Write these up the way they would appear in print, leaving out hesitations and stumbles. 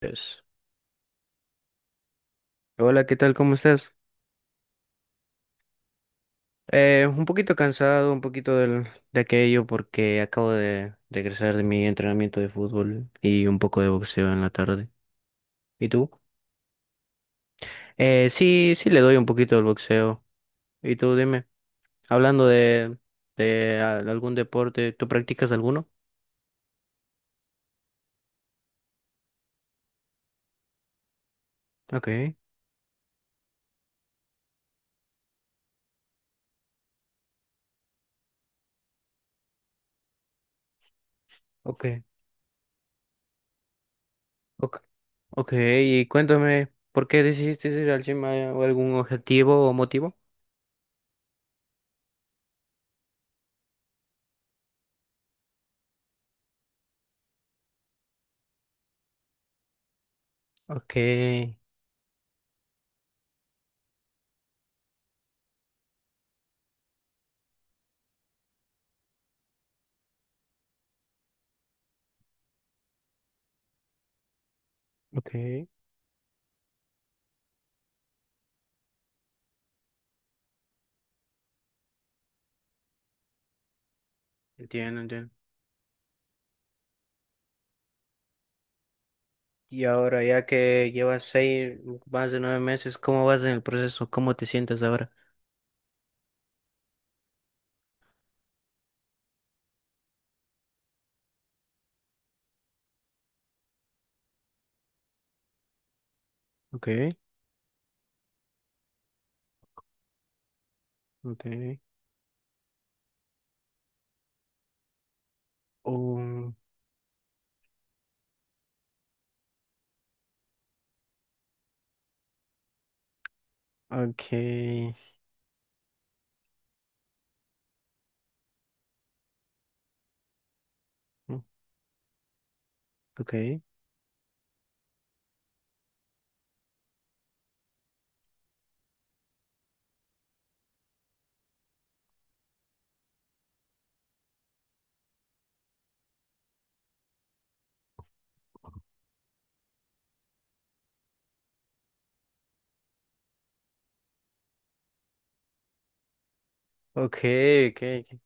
Pues, hola, ¿qué tal? ¿Cómo estás? Un poquito cansado, un poquito de aquello porque acabo de regresar de mi entrenamiento de fútbol y un poco de boxeo en la tarde. ¿Y tú? Sí, le doy un poquito al boxeo. ¿Y tú, dime? Hablando de, algún deporte, ¿tú practicas alguno? Ok, ok, ok, ok. Y cuéntame, ¿por qué decidiste ir al gym? ¿Hay algún objetivo o motivo? Ok, ok. Entiendo, entiendo. Y ahora, ya que llevas seis, más de nueve meses, ¿cómo vas en el proceso? ¿Cómo te sientes ahora? Ok, ok, um, ok, mm, ok, ok, ok. Ok.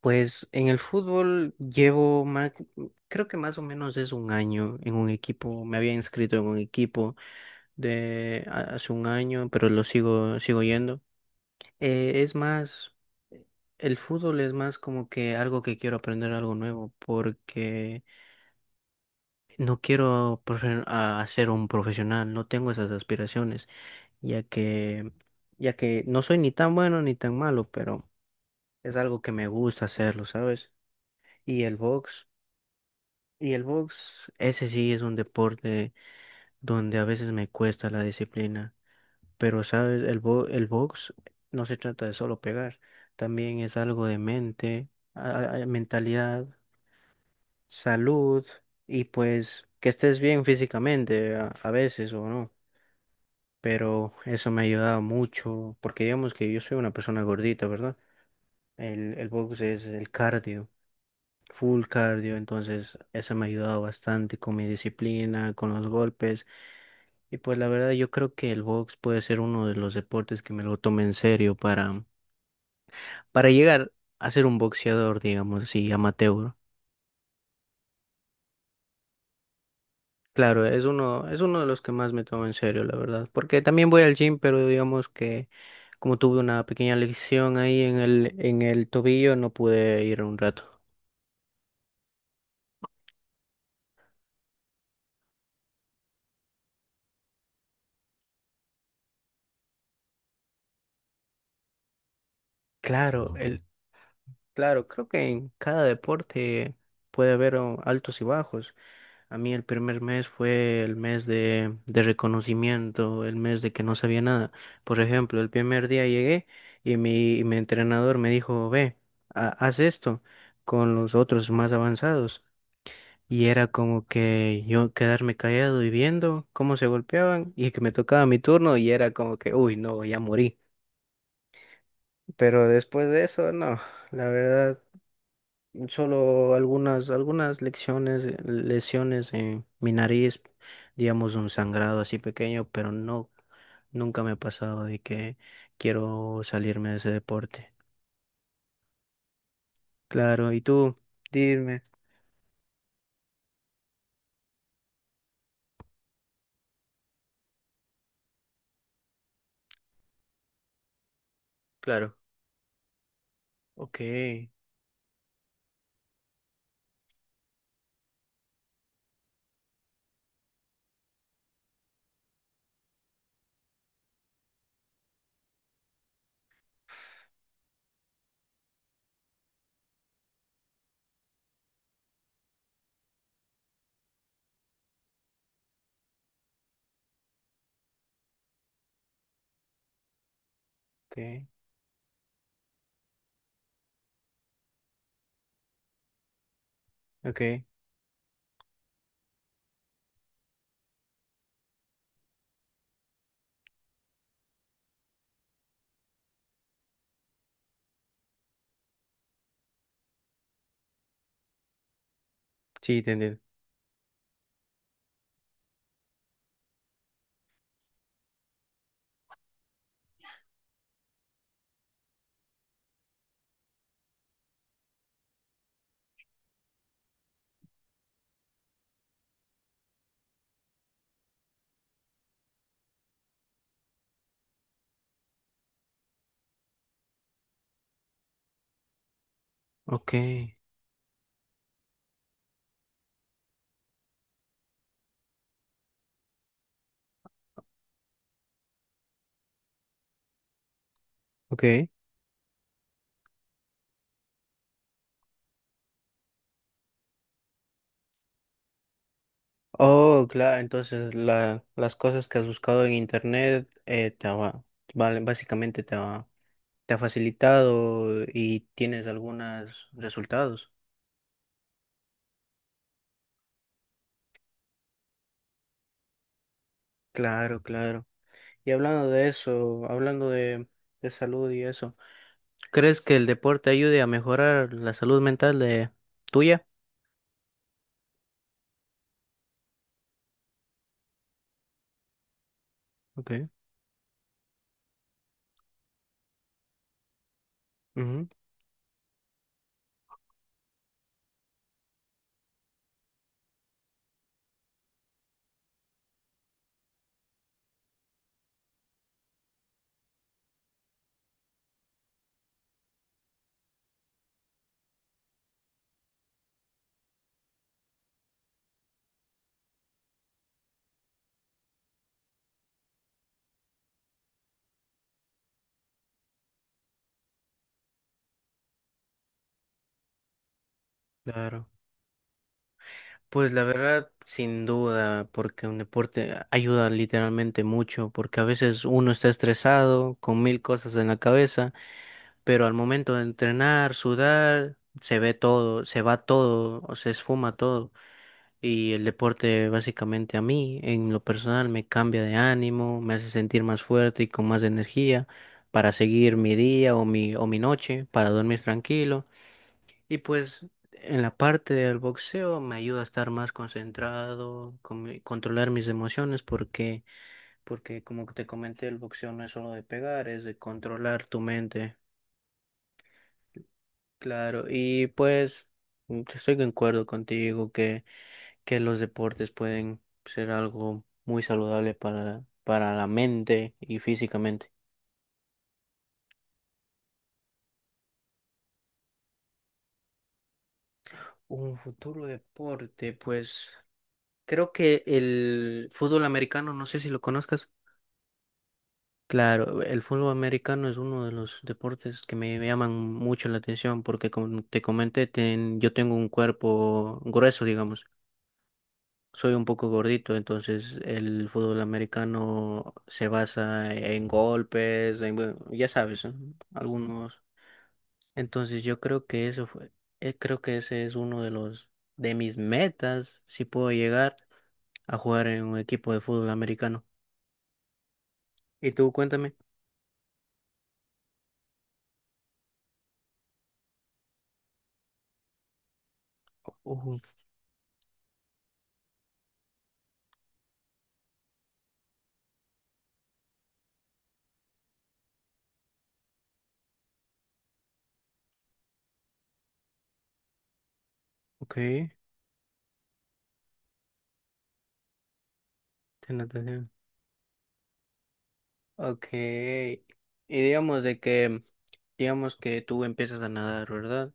Pues en el fútbol llevo más, creo que más o menos es un año en un equipo. Me había inscrito en un equipo hace un año, pero lo sigo, sigo yendo. Es más, el fútbol es más como que algo que quiero aprender algo nuevo, porque no quiero profe- a ser un profesional, no tengo esas aspiraciones, ya que, ya que no soy ni tan bueno ni tan malo, pero es algo que me gusta hacerlo, ¿sabes? Y el box, y el box, ese sí es un deporte donde a veces me cuesta la disciplina, pero ¿sabes? El box no se trata de solo pegar, también es algo de mente, mentalidad, salud y pues que estés bien físicamente a veces o no. Pero eso me ha ayudado mucho, porque digamos que yo soy una persona gordita, ¿verdad? El box es el cardio, full cardio, entonces eso me ha ayudado bastante con mi disciplina, con los golpes, y pues la verdad yo creo que el box puede ser uno de los deportes que me lo tome en serio para llegar a ser un boxeador, digamos así, amateur. Claro, es uno de los que más me tomo en serio, la verdad. Porque también voy al gym, pero digamos que como tuve una pequeña lesión ahí en el tobillo, no pude ir un rato. Claro, el, claro, creo que en cada deporte puede haber oh, altos y bajos. A mí el primer mes fue el mes de reconocimiento, el mes de que no sabía nada. Por ejemplo, el primer día llegué y mi entrenador me dijo, ve, haz esto con los otros más avanzados. Y era como que yo quedarme callado y viendo cómo se golpeaban y que me tocaba mi turno y era como que, uy, no, ya morí. Pero después de eso, no, la verdad, solo algunas lesiones en mi nariz, digamos un sangrado así pequeño, pero no, nunca me ha pasado de que quiero salirme de ese deporte. Claro, ¿y tú? Dime. Claro. Ok, ok, ok. Sí, entendido. Ok, ok. Oh, claro, entonces la, las cosas que has buscado en internet te va, vale, básicamente te ha facilitado y tienes algunos resultados. Claro, claro. Y hablando de eso, hablando de salud y eso, ¿crees que el deporte ayude a mejorar la salud mental de tuya? Okay. Ujú, claro. Pues la verdad, sin duda, porque un deporte ayuda literalmente mucho, porque a veces uno está estresado con mil cosas en la cabeza, pero al momento de entrenar, sudar, se va todo, o se esfuma todo. Y el deporte básicamente a mí, en lo personal, me cambia de ánimo, me hace sentir más fuerte y con más energía para seguir mi día o mi noche, para dormir tranquilo. Y pues en la parte del boxeo me ayuda a estar más concentrado, controlar mis emociones, porque como te comenté, el boxeo no es solo de pegar, es de controlar tu mente. Claro, y pues estoy de acuerdo contigo que los deportes pueden ser algo muy saludable para la mente y físicamente. Un futuro deporte, pues creo que el fútbol americano, no sé si lo conozcas. Claro, el fútbol americano es uno de los deportes que me llaman mucho la atención porque como te comenté, yo tengo un cuerpo grueso, digamos, soy un poco gordito, entonces el fútbol americano se basa en golpes, en, bueno, ya sabes, ¿eh? Algunos. Entonces yo creo que eso fue, creo que ese es uno de los, de mis metas, si puedo llegar a jugar en un equipo de fútbol americano. ¿Y tú, cuéntame? Ujú, ok. Ten atención. Ok. Y digamos de que, digamos que tú empiezas a nadar, ¿verdad?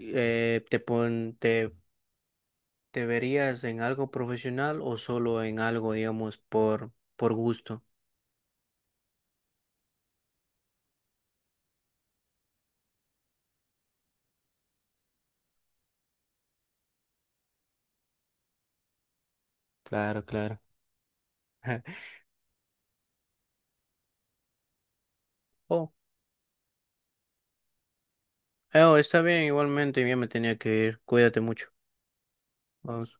Eh, te pon, te, Te verías en algo profesional o solo en algo, digamos, por gusto. Claro, claro. Oh, oh, está bien, igualmente, ya me tenía que ir. Cuídate mucho. Vamos.